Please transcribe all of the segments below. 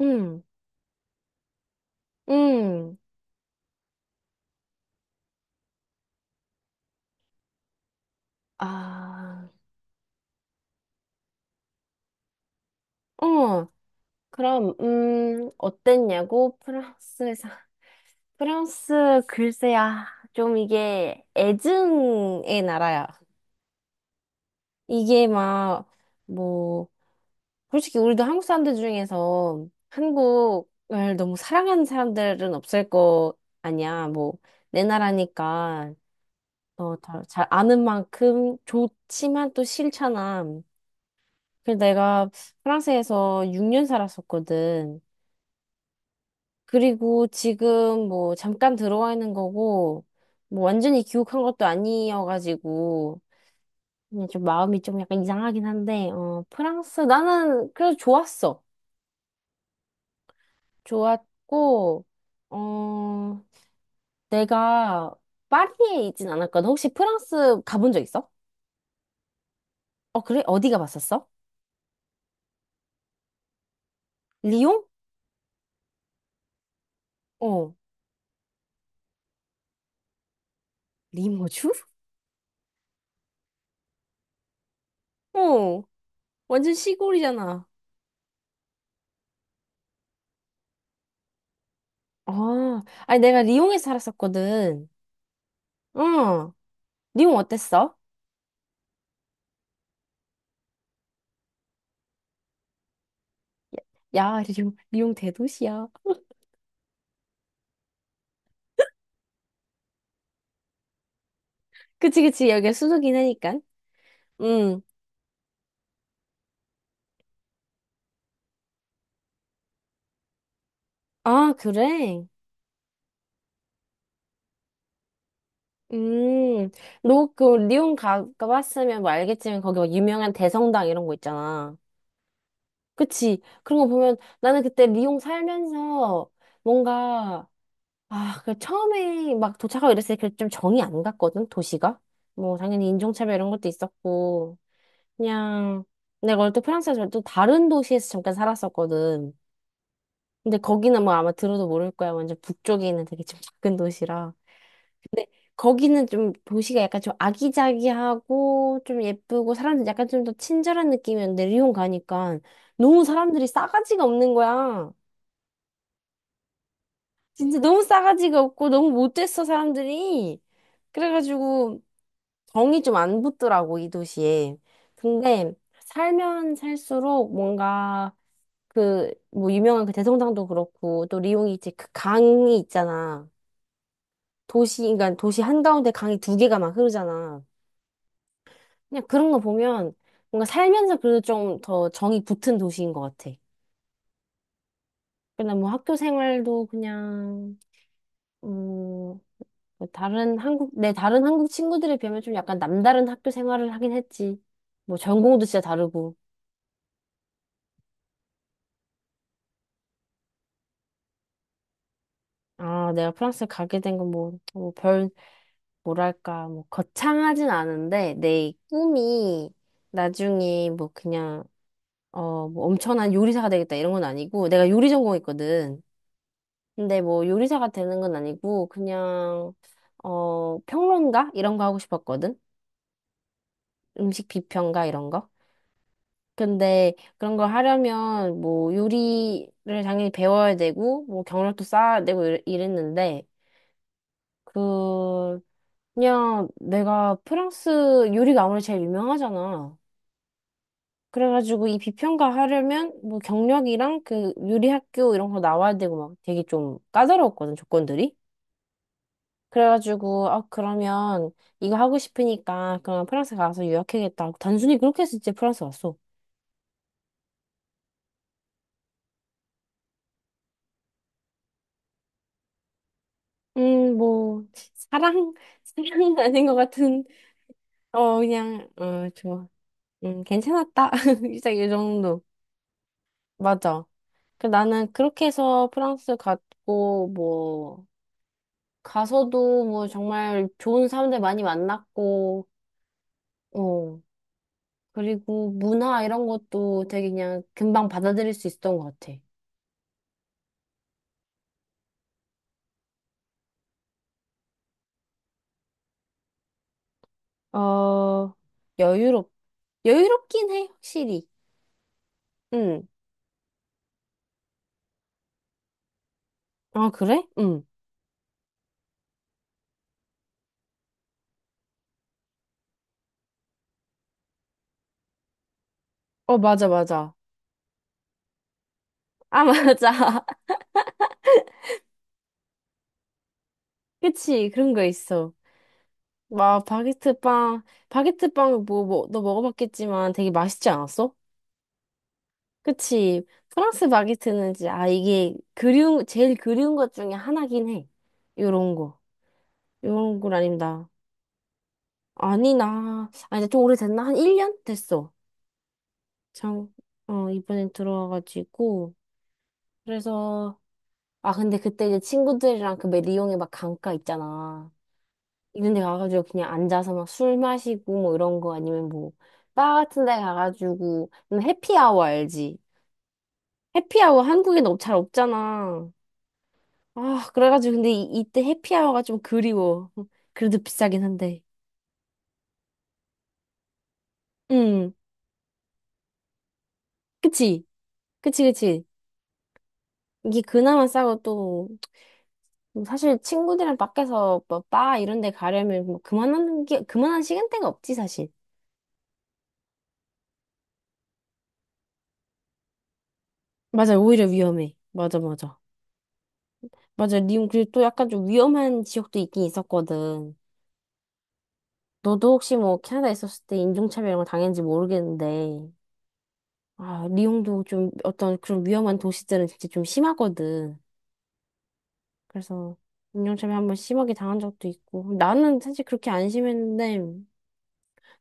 음, 음, 아, 어, 그럼, 어땠냐고? 프랑스에서. 프랑스, 글쎄야, 좀 이게 애증의 나라야. 이게 막, 뭐, 솔직히 우리도 한국 사람들 중에서 한국을 너무 사랑하는 사람들은 없을 거 아니야. 뭐, 내 나라니까, 어, 잘 아는 만큼 좋지만 또 싫잖아. 그래 내가 프랑스에서 6년 살았었거든. 그리고 지금 뭐 잠깐 들어와 있는 거고, 뭐 완전히 귀국한 것도 아니어가지고, 그냥 좀 마음이 좀 약간 이상하긴 한데, 어, 프랑스, 나는 그래도 좋았어. 좋았고, 어, 내가 파리에 있진 않았거든. 혹시 프랑스 가본 적 있어? 어, 그래? 어디 가봤었어? 리옹? 어, 리모주? 어, 완전 시골이잖아. 아, 아니 내가 리옹에 서 살았었거든. 응. 리옹 어땠어? 야, 리옹, 리옹 대도시야. 그치, 그치. 여기가 수도긴 하니까. 응. 아, 그래? 음. 너 그 리옹 가봤으면 뭐 알겠지만 거기 막 유명한 대성당 이런 거 있잖아. 그치. 그런 거 보면 나는 그때 리옹 살면서 뭔가 아, 그 처음에 막 도착하고 이랬을 때 좀 정이 안 갔거든, 도시가. 뭐 당연히 인종차별 이런 것도 있었고. 그냥 내가 원래 또 프랑스에서 또 다른 도시에서 잠깐 살았었거든. 근데 거기는 뭐 아마 들어도 모를 거야. 완전 북쪽에 있는 되게 좀 작은 도시라. 근데 거기는 좀 도시가 약간 좀 아기자기하고 좀 예쁘고 사람들 약간 좀 더 친절한 느낌이었는데 리옹 가니까 너무 사람들이 싸가지가 없는 거야. 진짜 너무 싸가지가 없고 너무 못됐어 사람들이. 그래가지고 정이 좀 안 붙더라고 이 도시에. 근데 살면 살수록 뭔가 그, 뭐, 유명한 그 대성당도 그렇고, 또 리옹이지, 그 강이 있잖아. 도시, 그러니까 도시 한가운데 강이 두 개가 막 흐르잖아. 그냥 그런 거 보면 뭔가 살면서 그래도 좀 더 정이 붙은 도시인 것 같아. 그냥 뭐 학교 생활도 그냥, 음, 뭐 다른 한국, 내 다른 한국 친구들에 비하면 좀 약간 남다른 학교 생활을 하긴 했지. 뭐 전공도 진짜 다르고. 아, 내가 프랑스 가게 된 건 뭐, 뭐 별, 뭐랄까, 뭐, 거창하진 않은데, 내 꿈이 나중에 뭐 그냥, 어, 뭐 엄청난 요리사가 되겠다 이런 건 아니고, 내가 요리 전공했거든. 근데 뭐 요리사가 되는 건 아니고, 그냥, 어, 평론가? 이런 거 하고 싶었거든? 음식 비평가 이런 거? 근데 그런 걸 하려면 뭐 요리를 당연히 배워야 되고, 뭐 경력도 쌓아야 되고 이랬는데, 그, 그냥 내가 프랑스 요리가 아무래도 제일 유명하잖아. 그래가지고 이 비평가 하려면 뭐 경력이랑 그 요리 학교 이런 거 나와야 되고 막 되게 좀 까다로웠거든, 조건들이. 그래가지고, 아, 그러면 이거 하고 싶으니까 그냥 프랑스 가서 유학하겠다 하고 단순히 그렇게 해서 이제 프랑스 갔어. 뭐, 사랑, 사랑은 아닌 것 같은, 어, 그냥, 어, 좋아. 괜찮았다. 진짜 이 정도. 맞아. 그 나는 그렇게 해서 프랑스 갔고, 뭐, 가서도 뭐 정말 좋은 사람들 많이 만났고, 어, 그리고 문화 이런 것도 되게 그냥 금방 받아들일 수 있었던 것 같아. 어, 여유롭, 여유롭긴 해, 확실히. 응. 아, 그래? 응. 어, 맞아, 맞아. 아, 맞아. 그치, 그런 거 있어. 막, 바게트 빵, 바게트 빵, 뭐, 뭐, 너 먹어봤겠지만 되게 맛있지 않았어? 그치. 프랑스 바게트는 이제, 아, 이게 그리운, 제일 그리운 것 중에 하나긴 해. 요런 거. 요런 건 아닙니다. 아니, 나, 아, 이제 좀 오래됐나? 한 1년? 됐어. 참, 어, 이번엔 들어와가지고. 그래서, 아, 근데 그때 이제 친구들이랑 그 왜 리옹에 막 강가 있잖아. 이런 데 가가지고 그냥 앉아서 막 술 마시고 뭐 이런 거 아니면 뭐, 바 같은 데 가가지고, 해피아워 알지? 해피아워 한국엔 잘 없잖아. 아, 그래가지고 근데 이, 이때 해피아워가 좀 그리워. 그래도 비싸긴 한데. 응, 그치. 그치, 그치. 이게 그나마 싸고 또, 뭐 사실 친구들이랑 밖에서 뭐, 바 이런 데 가려면 뭐, 그만한 게, 그만한 시간대가 없지, 사실. 맞아, 오히려 위험해. 맞아, 맞아. 맞아, 리움, 그리고 또 약간 좀 위험한 지역도 있긴 있었거든. 너도 혹시 뭐, 캐나다 있었을 때 인종차별 이런 거 당했는지 모르겠는데, 아, 리옹도 좀 어떤 그런 위험한 도시들은 진짜 좀 심하거든. 그래서 운영점에 한번 심하게 당한 적도 있고. 나는 사실 그렇게 안 심했는데,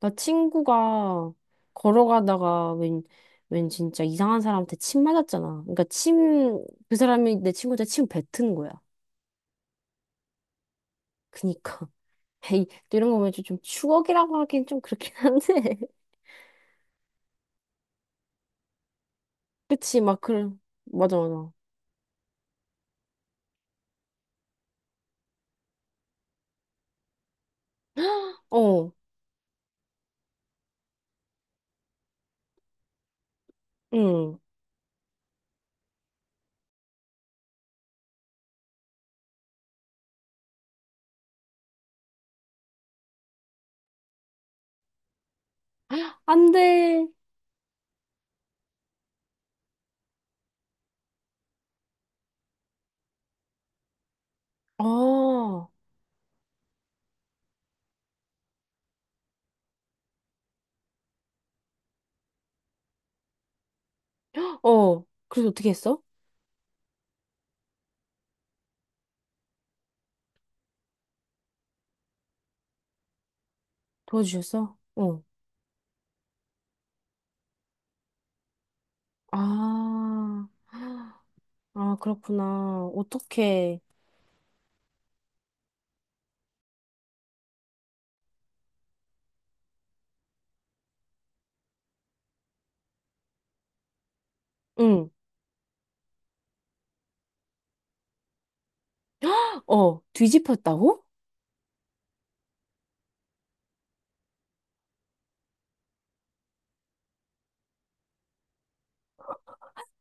나 친구가 걸어가다가 웬, 웬 진짜 이상한 사람한테 침 맞았잖아. 그러니까 침, 그 사람이 내 친구한테 침 뱉은 거야. 그니까. 에이, 또 이런 거 보면 좀 좀 추억이라고 하긴 좀 그렇긴 한데. 그치, 막 그런, 맞아, 맞아. 어, 응. 안 돼. 아, 어. 그래서 어떻게 했어? 도와주셨어? 어. 아. 아, 그렇구나. 어떻게, 응, 어, 뒤집혔다고?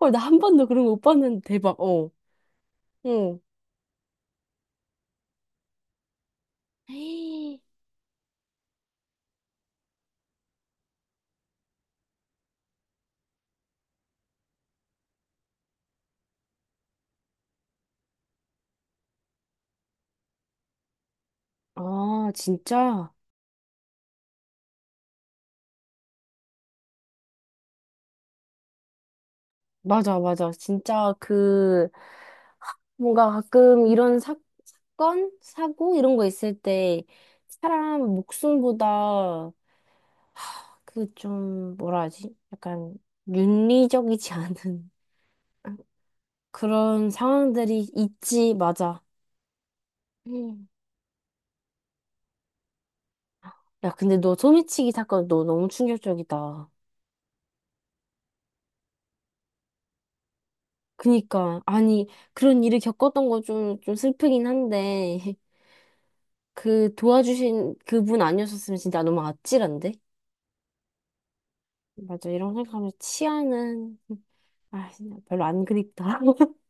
헐, 나 한 번도 그런 거 못 봤는데 대박, 어, 응. 헤이. 아, 진짜? 맞아, 맞아. 진짜 그, 뭔가 가끔 이런 사, 사건? 사고? 이런 거 있을 때, 사람 목숨보다 그 좀, 뭐라 하지? 약간 윤리적이지 않은 그런 상황들이 있지, 맞아. 야, 근데 너 소매치기 사건 너 너무 충격적이다. 그니까, 아니, 그런 일을 겪었던 거 좀, 좀 슬프긴 한데, 그 도와주신 그분 아니었었으면 진짜 너무 아찔한데? 맞아, 이런 생각하면 치아는, 아, 진짜 별로 안 그립다.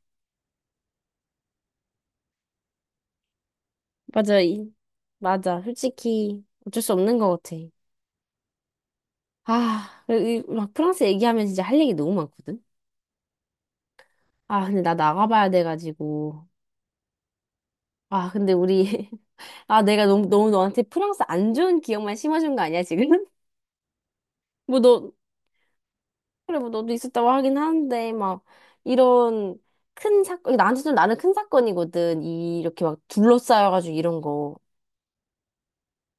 맞아, 이, 맞아. 솔직히 어쩔 수 없는 것 같아. 아, 막 프랑스 얘기하면 진짜 할 얘기 너무 많거든? 아, 근데 나 나가봐야 돼가지고. 아, 근데 우리, 아, 내가 너무, 너무 너한테 프랑스 안 좋은 기억만 심어준 거 아니야, 지금? 뭐 너, 그래, 뭐 너도 있었다고 하긴 하는데, 막, 이런 큰 사건, 나한테 좀 나는 큰 사건이거든. 이렇게 막 둘러싸여가지고 이런 거.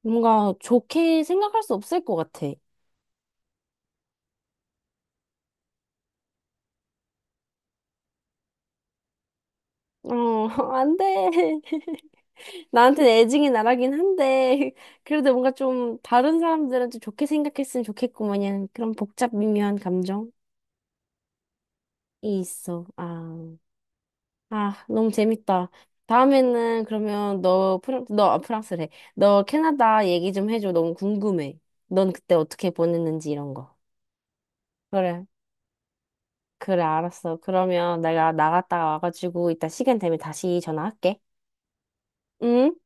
뭔가 좋게 생각할 수 없을 것 같아. 어, 안 돼. 나한테는 애증이 나라긴 한데, 그래도 뭔가 좀 다른 사람들은 좀 좋게 생각했으면 좋겠구만, 이런 그런 복잡 미묘한 감정이 있어. 아. 아, 너무 재밌다. 다음에는 그러면 너 프랑, 너 아, 프랑스래. 너 캐나다 얘기 좀 해줘. 너무 궁금해. 넌 그때 어떻게 보냈는지 이런 거. 그래, 그래, 알았어. 그러면 내가 나갔다가 와가지고 이따 시간 되면 다시 전화할게. 응?